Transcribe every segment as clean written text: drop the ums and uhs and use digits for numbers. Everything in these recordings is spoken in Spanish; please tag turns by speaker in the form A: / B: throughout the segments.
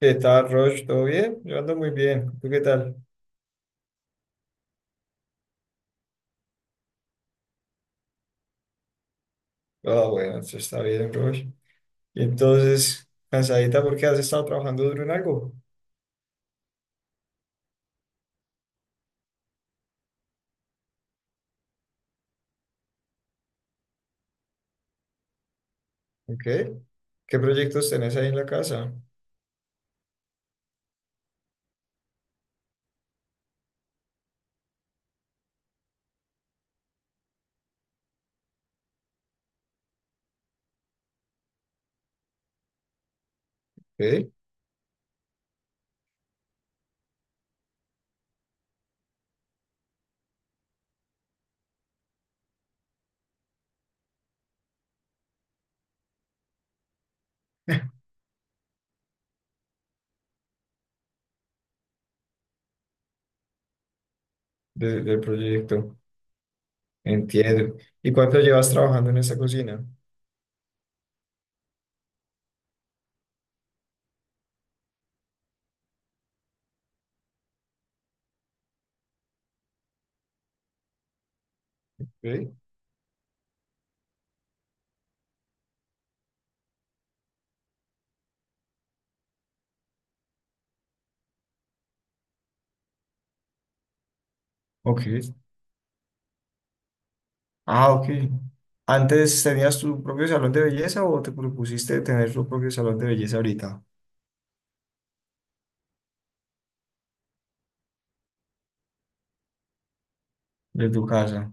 A: ¿Qué tal, Roche? ¿Todo bien? Yo ando muy bien. ¿Tú qué tal? Ah, bueno, eso está bien, Roche. Y entonces, cansadita porque has estado trabajando duro en algo. ¿Ok? ¿Qué proyectos tenés ahí en la casa? ¿Ok? Del proyecto. Entiendo. ¿Y cuánto llevas trabajando en esta cocina? ¿Ok? Ok. Ah, ok. ¿Antes tenías tu propio salón de belleza o te propusiste tener tu propio salón de belleza ahorita? De tu casa.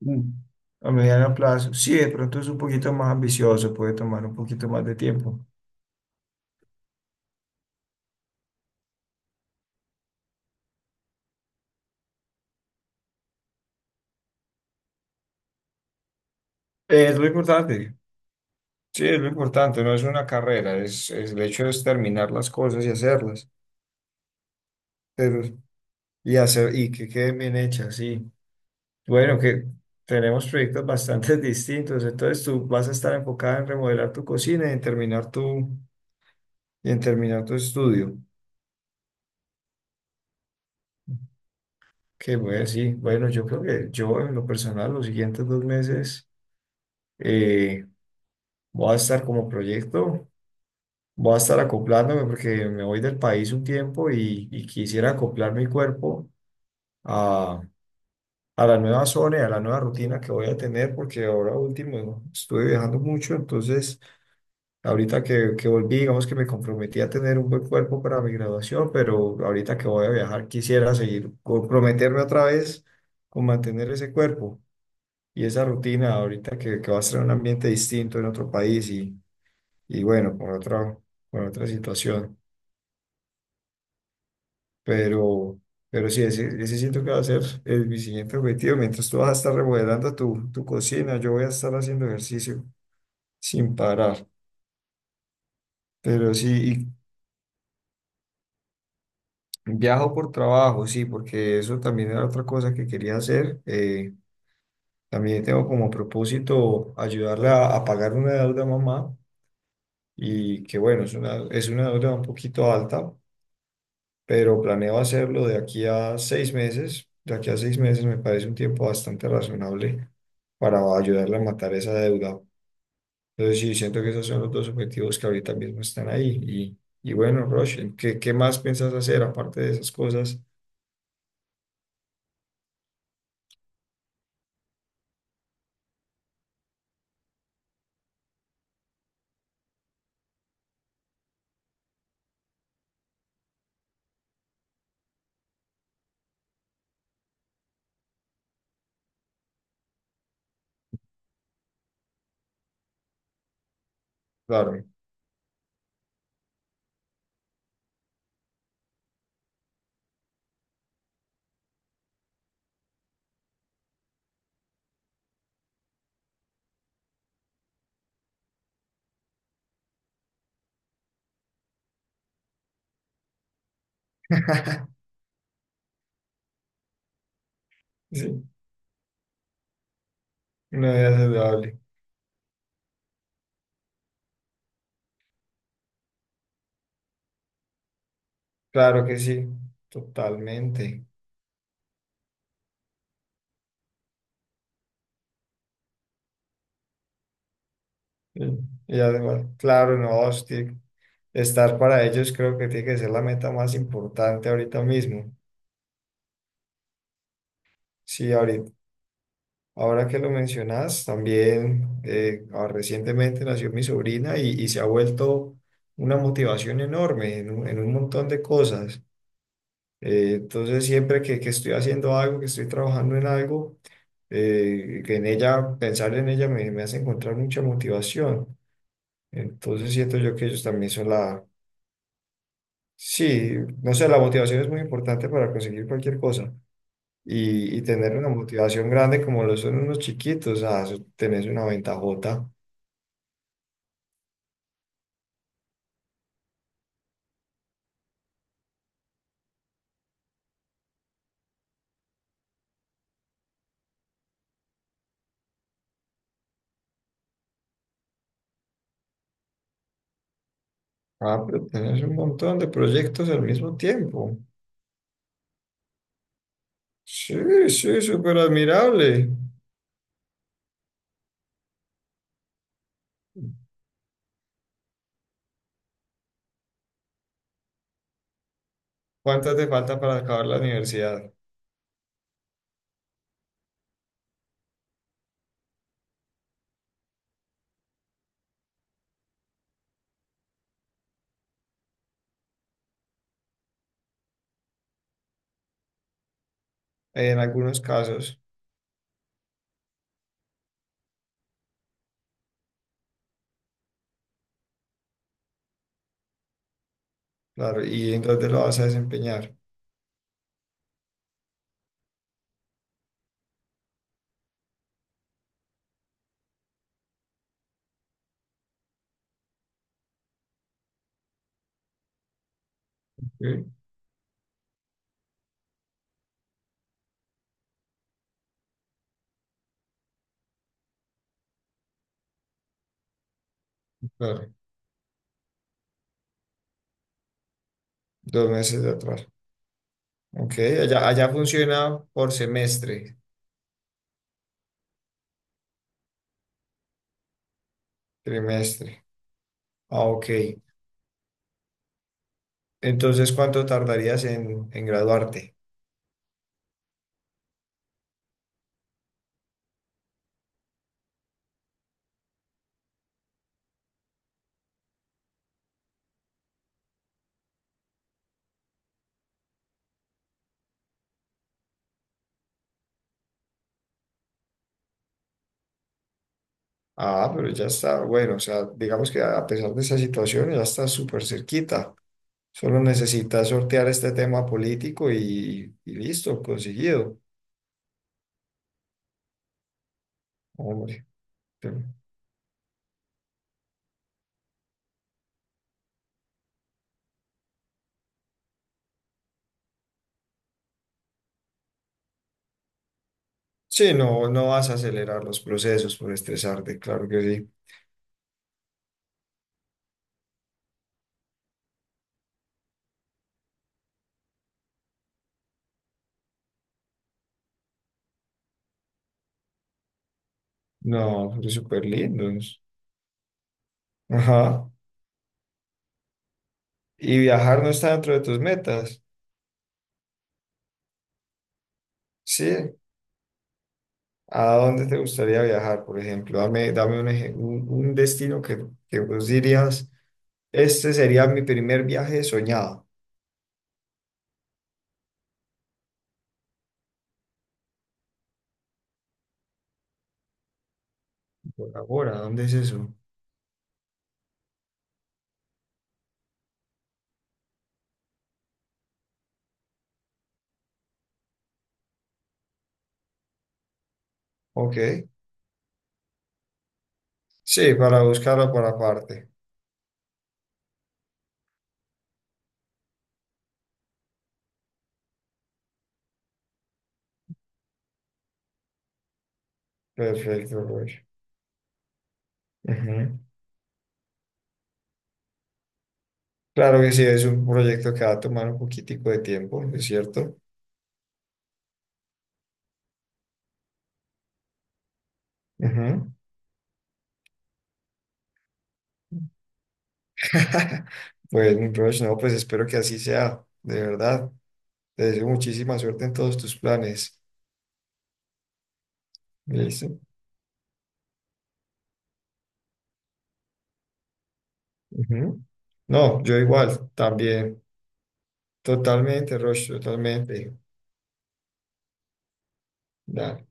A: Mm. A mediano plazo. Sí, de pronto es un poquito más ambicioso, puede tomar un poquito más de tiempo. Es lo importante. Sí, es lo importante, no es una carrera, es el hecho es terminar las cosas y hacerlas. Pero, y hacer, y que queden bien hechas, sí. Bueno, que tenemos proyectos bastante distintos. Entonces tú vas a estar enfocada en remodelar tu cocina y en terminar tu estudio. Que bueno, sí. Bueno, yo creo que yo en lo personal, los siguientes 2 meses. eh, Voy a estar como proyecto, voy a estar acoplándome porque me voy del país un tiempo y quisiera acoplar mi cuerpo a, a la nueva zona y a la nueva rutina que voy a tener porque ahora último estuve viajando mucho, entonces ahorita que volví, digamos que me comprometí a tener un buen cuerpo para mi graduación, pero ahorita que voy a viajar quisiera seguir comprometerme otra vez con mantener ese cuerpo. Y esa rutina ahorita que va a estar en un ambiente distinto en otro país y bueno, con otra situación. Pero, pero sí, ese siento que va a ser mi siguiente objetivo. Mientras tú vas a estar remodelando tu cocina, yo voy a estar haciendo ejercicio sin parar. Pero sí, y viajo por trabajo, sí, porque eso también era otra cosa que quería hacer. También tengo como propósito ayudarle a pagar una deuda a mamá. Y que bueno, es una deuda un poquito alta, pero planeo hacerlo de aquí a 6 meses. De aquí a seis meses me parece un tiempo bastante razonable para ayudarle a matar esa deuda. Entonces sí, siento que esos son los dos objetivos que ahorita mismo están ahí. Y bueno, Rosh, ¿qué más piensas hacer aparte de esas cosas? Claro. Sí, una vida saludable. Claro que sí, totalmente. Sí. Y además, claro, no, estar para ellos creo que tiene que ser la meta más importante ahorita mismo. Sí, ahorita. Ahora que lo mencionas, también recientemente nació mi sobrina y se ha vuelto una motivación enorme en un montón de cosas. Entonces, siempre que estoy haciendo algo, que estoy trabajando en algo, que en ella, pensar en ella me hace encontrar mucha motivación. Entonces, siento yo que ellos también son la, sí, no sé, la motivación es muy importante para conseguir cualquier cosa. Y tener una motivación grande como lo son unos chiquitos, ah, eso tenés una ventajota. Ah, pero tenés un montón de proyectos al mismo tiempo. Sí, sí, súper admirable. ¿Cuántas te falta para acabar la universidad? En algunos casos, claro. ¿Y en dónde lo vas a desempeñar? Sí, claro. 2 meses de atrás. Ok, allá, allá funciona por semestre, trimestre. Ah, ok. Entonces, ¿cuánto tardarías en, graduarte? Ah, pero ya está, bueno, o sea, digamos que a pesar de esa situación, ya está súper cerquita. Solo necesitas sortear este tema político y listo, conseguido. Hombre, pero- sí, no vas a acelerar los procesos por estresarte, claro que sí. No, es súper lindos. Ajá. ¿Y viajar no está dentro de tus metas? Sí. ¿A dónde te gustaría viajar, por ejemplo? Dame, dame un destino que vos dirías, este sería mi primer viaje soñado. Por ahora, ¿dónde es eso? Ok. Sí, para buscarlo por aparte. Perfecto, Roger. Ujú. Claro que sí, es un proyecto que va a tomar un poquitico de tiempo, es cierto. Ujú. Pues, mi Roger, no, pues espero que así sea, de verdad. Te deseo muchísima suerte en todos tus planes. ¿Listo? Ujú. No, yo igual, también. Totalmente, Roger, totalmente. Dale.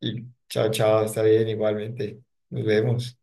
A: Y chao, chao, está bien, igualmente. Nos vemos.